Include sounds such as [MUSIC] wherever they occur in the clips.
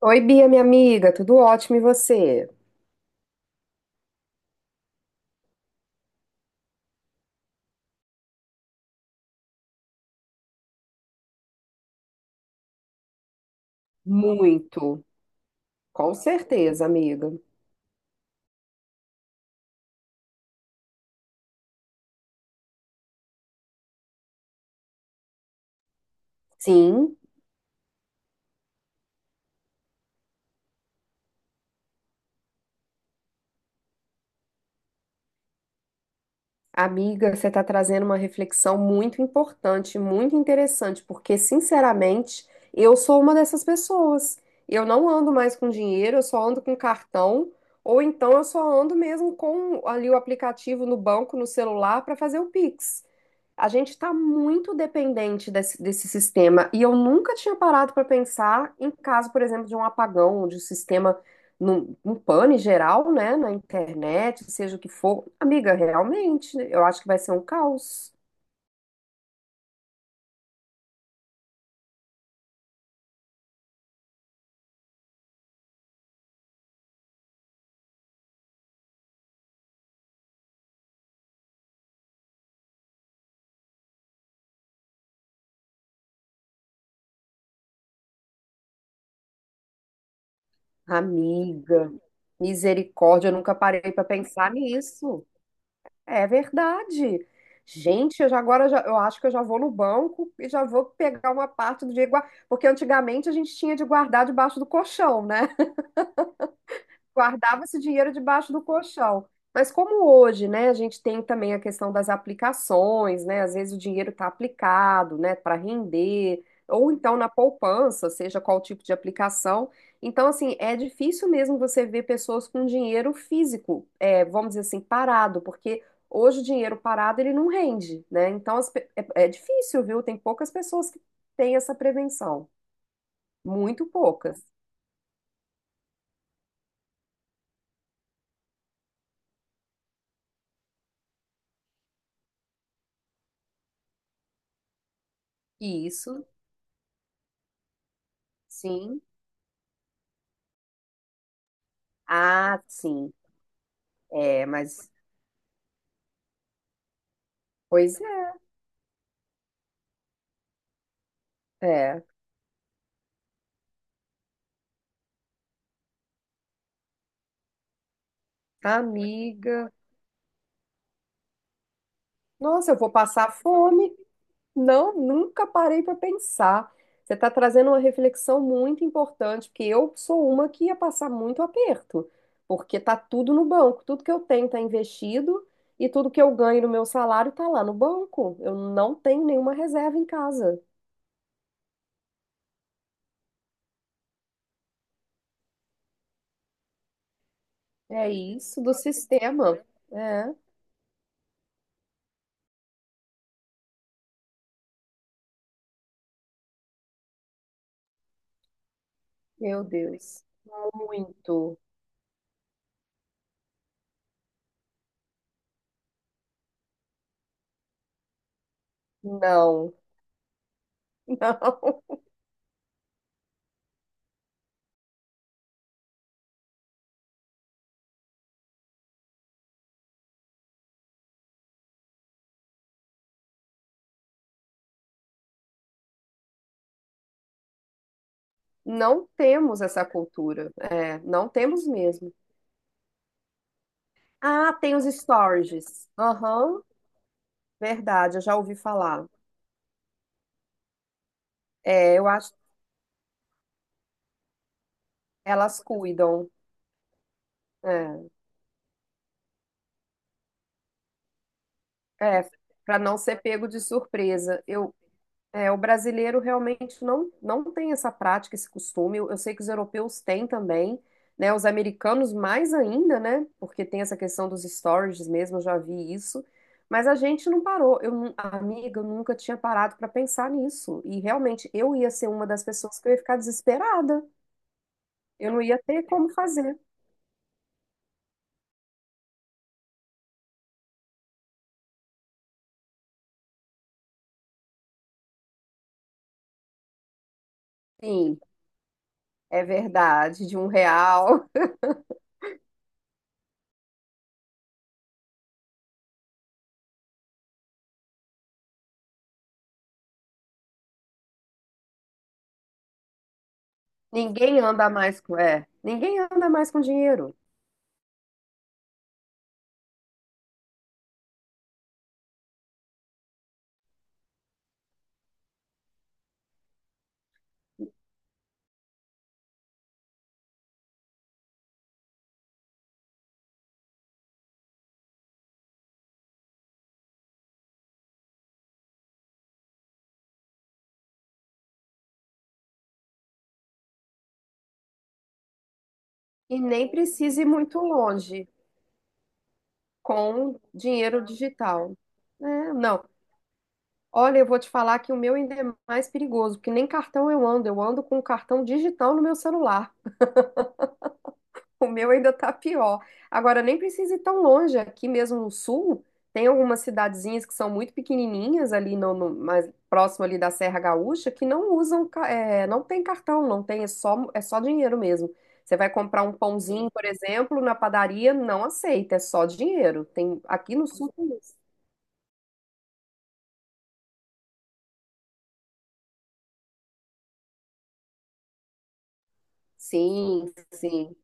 Oi, Bia, minha amiga, tudo ótimo e você? Muito, com certeza, amiga. Sim, amiga, você está trazendo uma reflexão muito importante, muito interessante, porque, sinceramente, eu sou uma dessas pessoas. Eu não ando mais com dinheiro, eu só ando com cartão, ou então eu só ando mesmo com ali o aplicativo no banco, no celular, para fazer o Pix. A gente está muito dependente desse sistema e eu nunca tinha parado para pensar em caso, por exemplo, de um apagão, de um sistema, um pane geral, né, na internet, seja o que for. Amiga, realmente, né, eu acho que vai ser um caos. Amiga, misericórdia, eu nunca parei para pensar nisso. É verdade. Gente, eu acho que eu já vou no banco e já vou pegar uma parte do dinheiro, porque antigamente a gente tinha de guardar debaixo do colchão, né? Guardava esse dinheiro debaixo do colchão. Mas como hoje, né, a gente tem também a questão das aplicações, né? Às vezes o dinheiro está aplicado, né, para render, ou então na poupança, seja qual tipo de aplicação. Então, assim, é difícil mesmo você ver pessoas com dinheiro físico, é, vamos dizer assim, parado, porque hoje o dinheiro parado ele não rende, né? Então, é difícil, viu? Tem poucas pessoas que têm essa prevenção, muito poucas. Isso, sim. Ah, sim. É, mas, pois é, é. Amiga, nossa, eu vou passar fome. Não, nunca parei para pensar. Você está trazendo uma reflexão muito importante, porque eu sou uma que ia passar muito aperto, porque tá tudo no banco, tudo que eu tenho está investido e tudo que eu ganho no meu salário está lá no banco. Eu não tenho nenhuma reserva em casa. É isso do sistema. É, meu Deus. Muito. Não, [LAUGHS] não. Não temos essa cultura. É, não temos mesmo. Ah, tem os stories. Aham, verdade, eu já ouvi falar. É, eu acho que elas cuidam. É, é, para não ser pego de surpresa. Eu, é, o brasileiro realmente não tem essa prática, esse costume. Eu sei que os europeus têm também, né? Os americanos mais ainda, né? Porque tem essa questão dos storages mesmo, eu já vi isso. Mas a gente não parou. Amiga, eu nunca tinha parado para pensar nisso. E realmente eu ia ser uma das pessoas que eu ia ficar desesperada. Eu não ia ter como fazer. Sim, é verdade, de um real. [LAUGHS] Ninguém anda mais com dinheiro. E nem precisa ir muito longe. Com dinheiro digital. É, não. Olha, eu vou te falar que o meu ainda é mais perigoso, porque nem cartão eu ando com um cartão digital no meu celular. [LAUGHS] O meu ainda tá pior. Agora, nem precisa ir tão longe, aqui mesmo no sul, tem algumas cidadezinhas que são muito pequenininhas ali mais próximo ali da Serra Gaúcha que não usam, é, não tem cartão, não tem, é só dinheiro mesmo. Você vai comprar um pãozinho, por exemplo, na padaria, não aceita, é só dinheiro. Tem, aqui no sul tem isso. Sim, sim.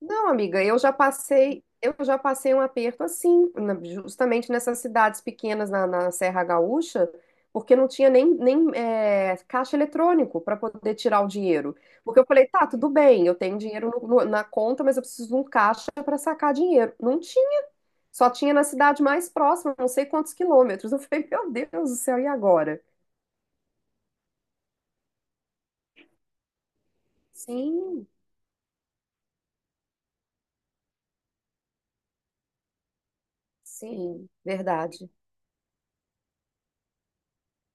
Não, amiga, eu já passei um aperto assim, justamente nessas cidades pequenas na Serra Gaúcha, porque não tinha nem caixa eletrônico para poder tirar o dinheiro. Porque eu falei, tá, tudo bem, eu tenho dinheiro na conta, mas eu preciso de um caixa para sacar dinheiro. Não tinha, só tinha na cidade mais próxima, não sei quantos quilômetros. Eu falei, meu Deus do céu, e agora? Sim, sim, verdade,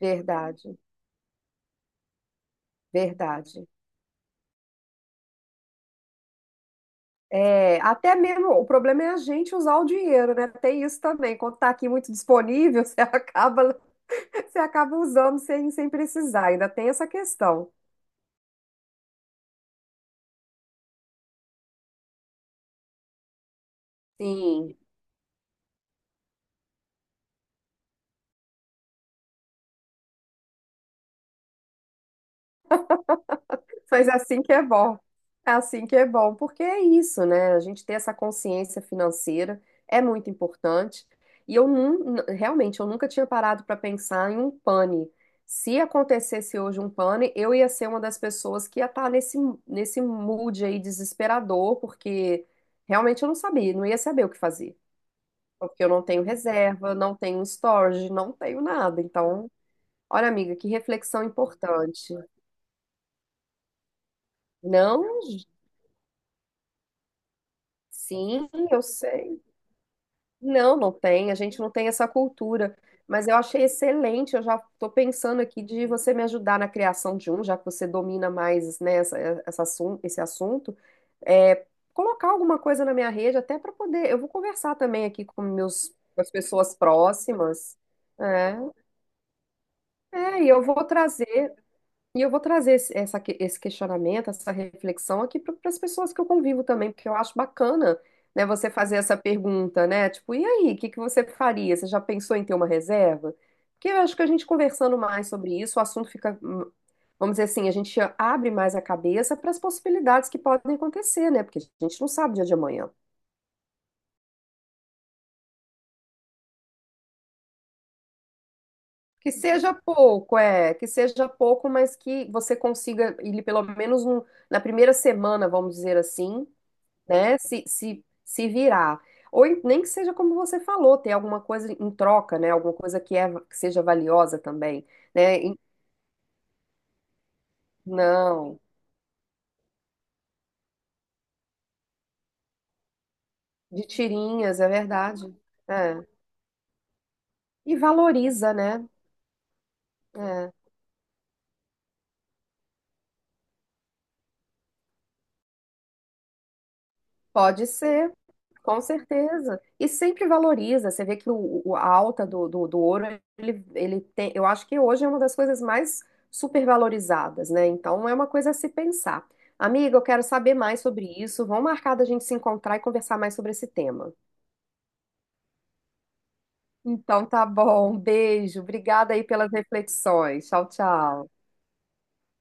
verdade, verdade. É, até mesmo, o problema é a gente usar o dinheiro, né? Tem isso também. Quando tá aqui muito disponível, [LAUGHS] você acaba usando sem precisar. Ainda tem essa questão. Sim. Mas assim que é bom. É, assim que é bom, porque é isso, né? A gente ter essa consciência financeira é muito importante. E realmente eu nunca tinha parado para pensar em um pane. Se acontecesse hoje um pane, eu ia ser uma das pessoas que ia estar nesse mood aí desesperador, porque realmente eu não sabia, não ia saber o que fazer. Porque eu não tenho reserva, não tenho storage, não tenho nada. Então, olha, amiga, que reflexão importante. Não. Sim, eu sei. Não, não tem, a gente não tem essa cultura. Mas eu achei excelente, eu já estou pensando aqui de você me ajudar na criação de um, já que você domina mais, né, esse assunto. É, colocar alguma coisa na minha rede, até para poder. Eu vou conversar também aqui com as pessoas próximas. É, é, e eu vou trazer. E eu vou trazer esse questionamento, essa reflexão aqui para as pessoas que eu convivo também, porque eu acho bacana, né, você fazer essa pergunta, né? Tipo, e aí, o que que você faria? Você já pensou em ter uma reserva? Porque eu acho que a gente conversando mais sobre isso, o assunto fica, vamos dizer assim, a gente abre mais a cabeça para as possibilidades que podem acontecer, né? Porque a gente não sabe o dia de amanhã. Que seja pouco, é, que seja pouco, mas que você consiga, ele pelo menos na primeira semana, vamos dizer assim, né? Se virar. Ou nem que seja como você falou, ter alguma coisa em troca, né? Alguma coisa que seja valiosa também, né? Não, de tirinhas, é verdade. É. E valoriza, né? É. Pode ser, com certeza. E sempre valoriza. Você vê que a alta do ouro, ele tem, eu acho que hoje é uma das coisas mais supervalorizadas, né? Então é uma coisa a se pensar. Amiga, eu quero saber mais sobre isso. Vamos marcar da gente se encontrar e conversar mais sobre esse tema. Então tá bom, beijo. Obrigada aí pelas reflexões. Tchau, tchau.